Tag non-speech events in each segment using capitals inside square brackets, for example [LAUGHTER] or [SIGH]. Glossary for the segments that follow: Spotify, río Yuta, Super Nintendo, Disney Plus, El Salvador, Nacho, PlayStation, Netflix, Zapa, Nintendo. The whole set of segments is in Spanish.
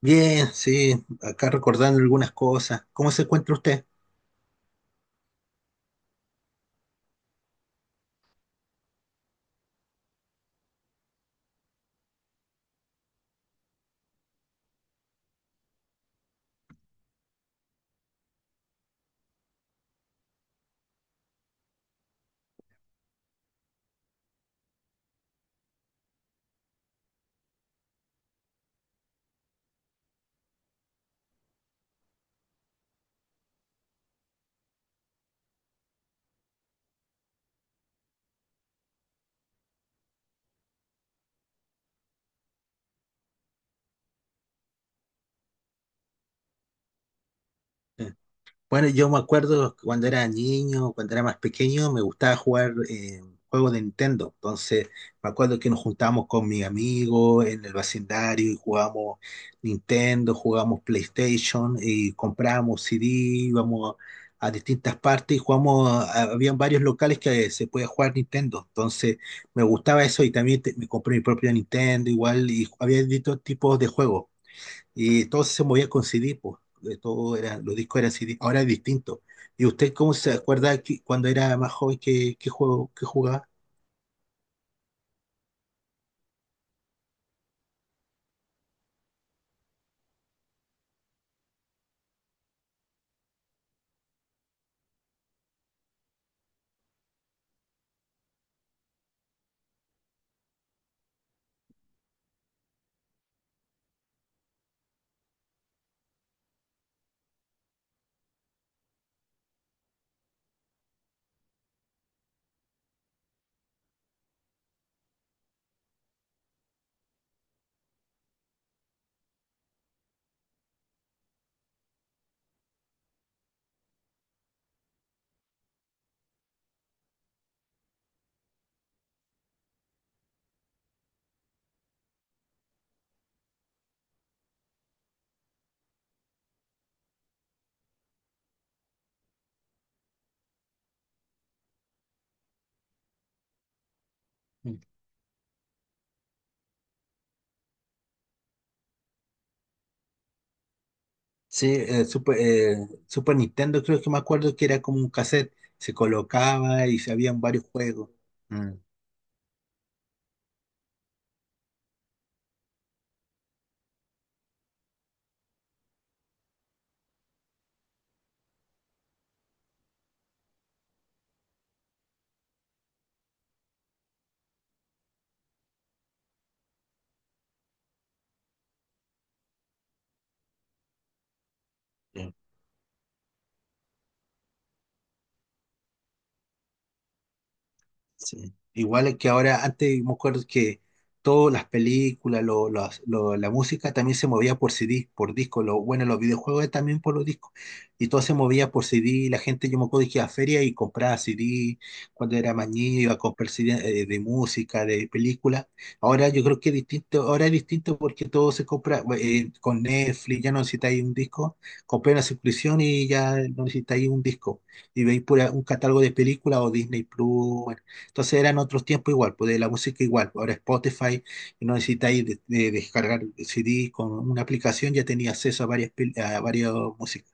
Bien, sí, acá recordando algunas cosas. ¿Cómo se encuentra usted? Bueno, yo me acuerdo cuando era niño, cuando era más pequeño, me gustaba jugar juegos de Nintendo. Entonces, me acuerdo que nos juntábamos con mis amigos en el vecindario y jugábamos Nintendo, jugábamos PlayStation y comprábamos CD, íbamos a distintas partes y jugamos, habían varios locales que se podía jugar Nintendo. Entonces, me gustaba eso y también me compré mi propio Nintendo igual y había distintos tipos de juegos. Y todo se movía con CD, pues. De todo era, los discos eran CD, ahora es distinto. ¿Y usted cómo se acuerda que cuando era más joven qué, qué juego que jugaba? Sí, Super Nintendo creo que me acuerdo que era como un cassette, se colocaba y se habían varios juegos. Mm. Sí. Igual es que ahora, antes me acuerdo que todas las películas, la música también se movía por CD, por disco. Lo, bueno, los videojuegos también por los discos. Y todo se movía por CD. La gente, yo me acuerdo que iba a feria y compraba CD. Cuando era más niño, iba a comprar CD de música, de película. Ahora yo creo que es distinto. Ahora es distinto porque todo se compra con Netflix. Ya no necesitáis un disco. Compré una suscripción y ya no necesitáis un disco. Y veis pura, un catálogo de películas o Disney Plus. Bueno, entonces eran otros tiempos igual, pues de la música igual. Ahora Spotify, y no necesitáis de descargar CD con una aplicación, ya tenía acceso a varias, a varias músicas.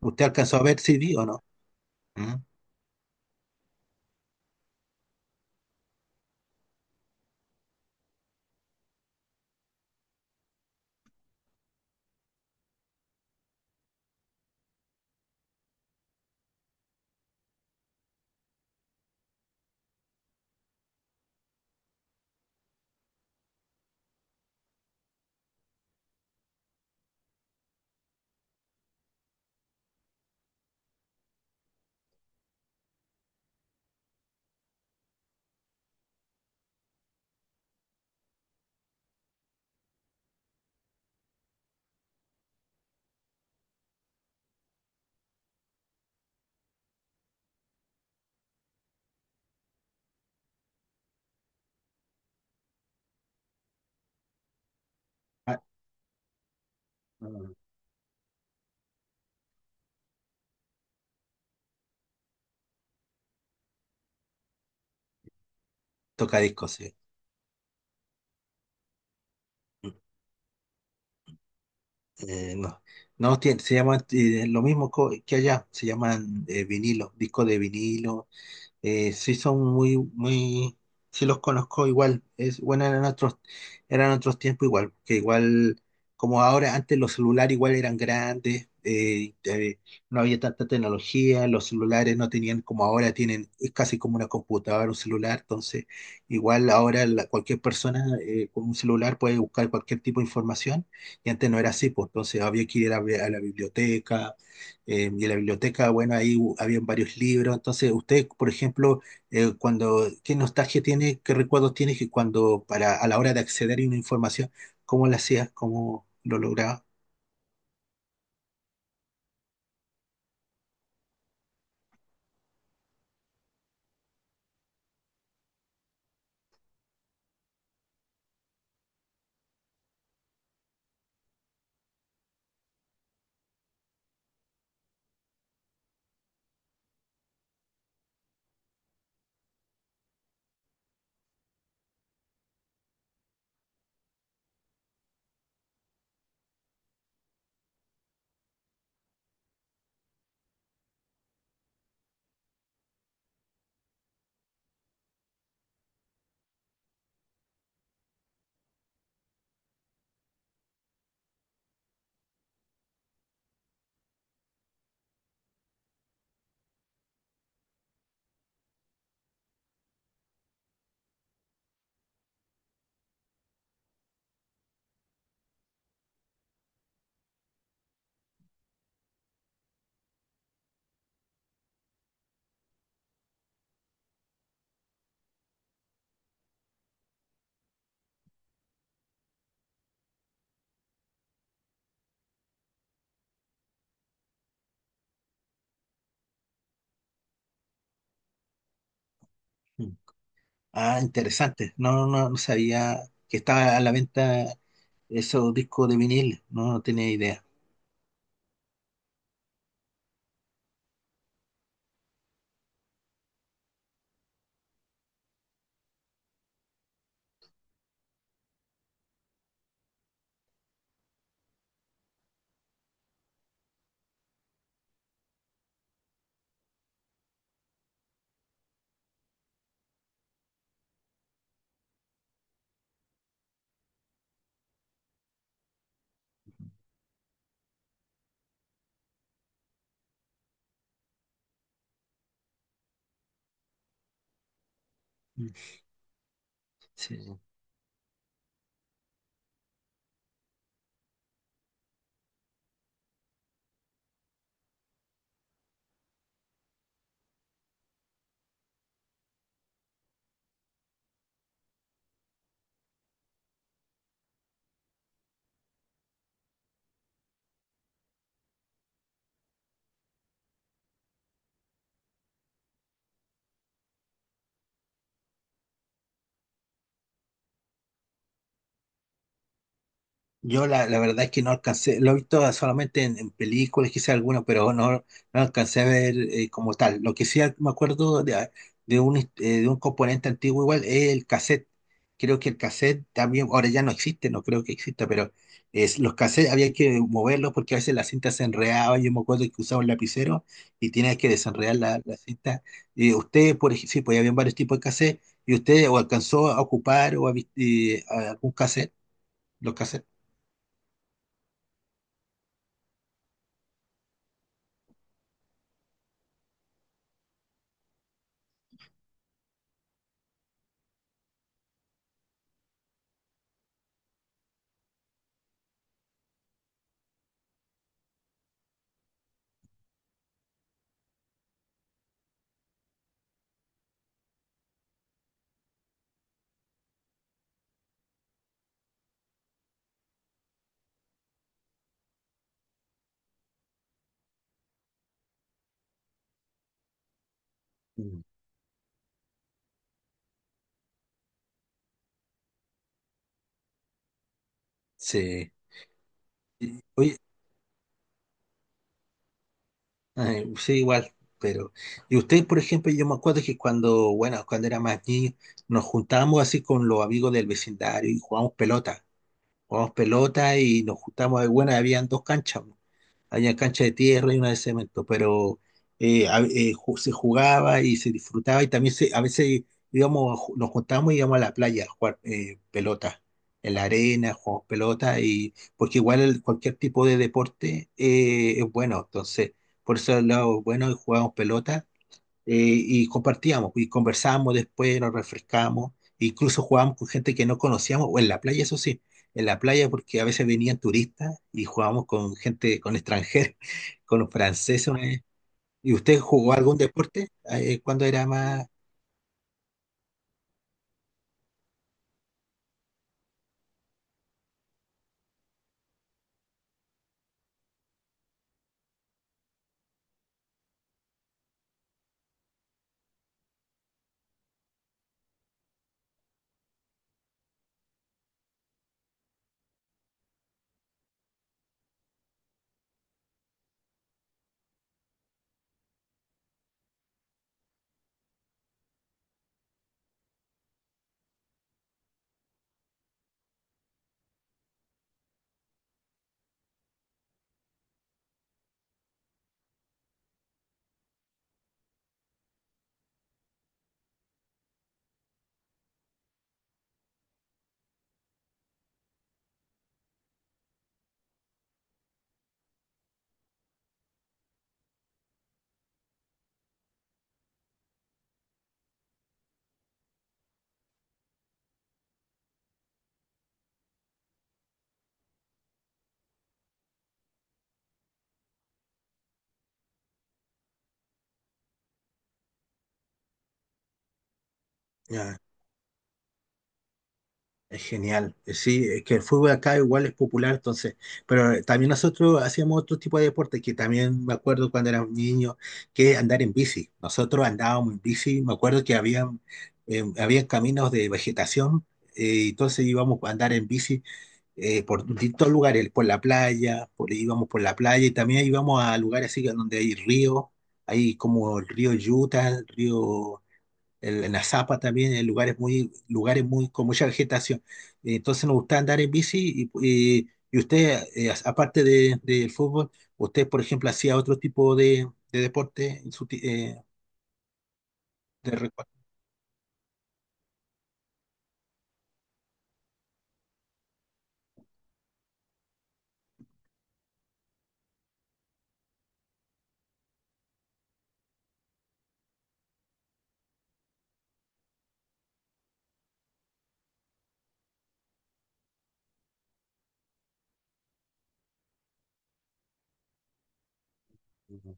¿Usted alcanzó a ver CD o no? ¿Mm? Ah, mm, toca discos, sí. No, se llama lo mismo que allá, se llaman vinilo, disco de vinilo, sí son muy, muy, sí los conozco igual, es, bueno, eran otros tiempos igual, que igual, como ahora, antes los celulares igual eran grandes, no había tanta tecnología, los celulares no tenían como ahora tienen, es casi como una computadora, un celular, entonces igual ahora cualquier persona con un celular puede buscar cualquier tipo de información, y antes no era así, pues entonces había que ir a la biblioteca y en la biblioteca, bueno, ahí habían varios libros. Entonces, usted, por ejemplo, cuando, ¿qué nostalgia tiene, qué recuerdos tiene que cuando, para, a la hora de acceder a una información, cómo la hacía, cómo lo lograba? Mm. Ah, interesante. No, no, no sabía que estaba a la venta esos discos de vinil. No, no tenía idea. Mm. Sí. Yo la, la verdad es que no alcancé, lo he visto solamente en películas, quizá alguna, pero no, no alcancé a ver como tal. Lo que sí me acuerdo de un componente antiguo igual es el cassette. Creo que el cassette también, ahora ya no existe, no creo que exista, pero es, los cassettes había que moverlos porque a veces la cinta se enredaba. Yo me acuerdo que usaba un lapicero y tenías que desenredar la, la cinta. Y usted, por ejemplo, sí, pues había varios tipos de cassette, y usted o alcanzó a ocupar o a, a algún cassette, los cassettes. Sí. Y, oye, ay, sí, igual, pero... Y ustedes, por ejemplo, yo me acuerdo que cuando, bueno, cuando era más niño, nos juntábamos así con los amigos del vecindario y jugábamos pelota. Jugábamos pelota y nos juntábamos, bueno, habían dos canchas. Había cancha de tierra y una de cemento, pero se jugaba y se disfrutaba y también se, a veces digamos, nos juntábamos y íbamos a la playa a jugar pelota, en la arena, jugamos pelota, y, porque igual cualquier tipo de deporte es bueno, entonces por eso es lo bueno y jugábamos pelota, y compartíamos y conversábamos después, nos refrescábamos, e incluso jugábamos con gente que no conocíamos, o en la playa, eso sí, en la playa porque a veces venían turistas y jugábamos con gente, con extranjeros, [LAUGHS] con los franceses. Una vez. ¿Y usted jugó algún deporte cuando era más... Es genial, sí, es que el fútbol acá igual es popular, entonces, pero también nosotros hacíamos otro tipo de deporte que también me acuerdo cuando éramos niños, que andar en bici. Nosotros andábamos en bici, me acuerdo que habían, habían caminos de vegetación, entonces íbamos a andar en bici por distintos lugares, por la playa, por, íbamos por la playa y también íbamos a lugares así que donde hay ríos, hay como el río Yuta, el río en la Zapa también, en lugares muy, con mucha vegetación. Entonces nos gusta andar en bici y usted, aparte de, del fútbol, usted, por ejemplo, hacía otro tipo de deporte en su, de recuerdo. Ujú,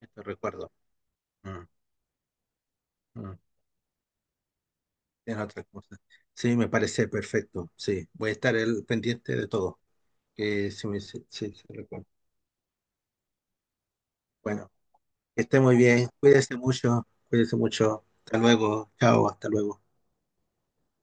esto recuerdo. Mm, mm, en otras cosas. Sí, me parece perfecto. Sí, voy a estar el, pendiente de todo. Que se me- se- se- se recuerda. Bueno, que esté muy bien. Cuídese mucho. Cuídese mucho. Hasta luego. Chao, hasta luego.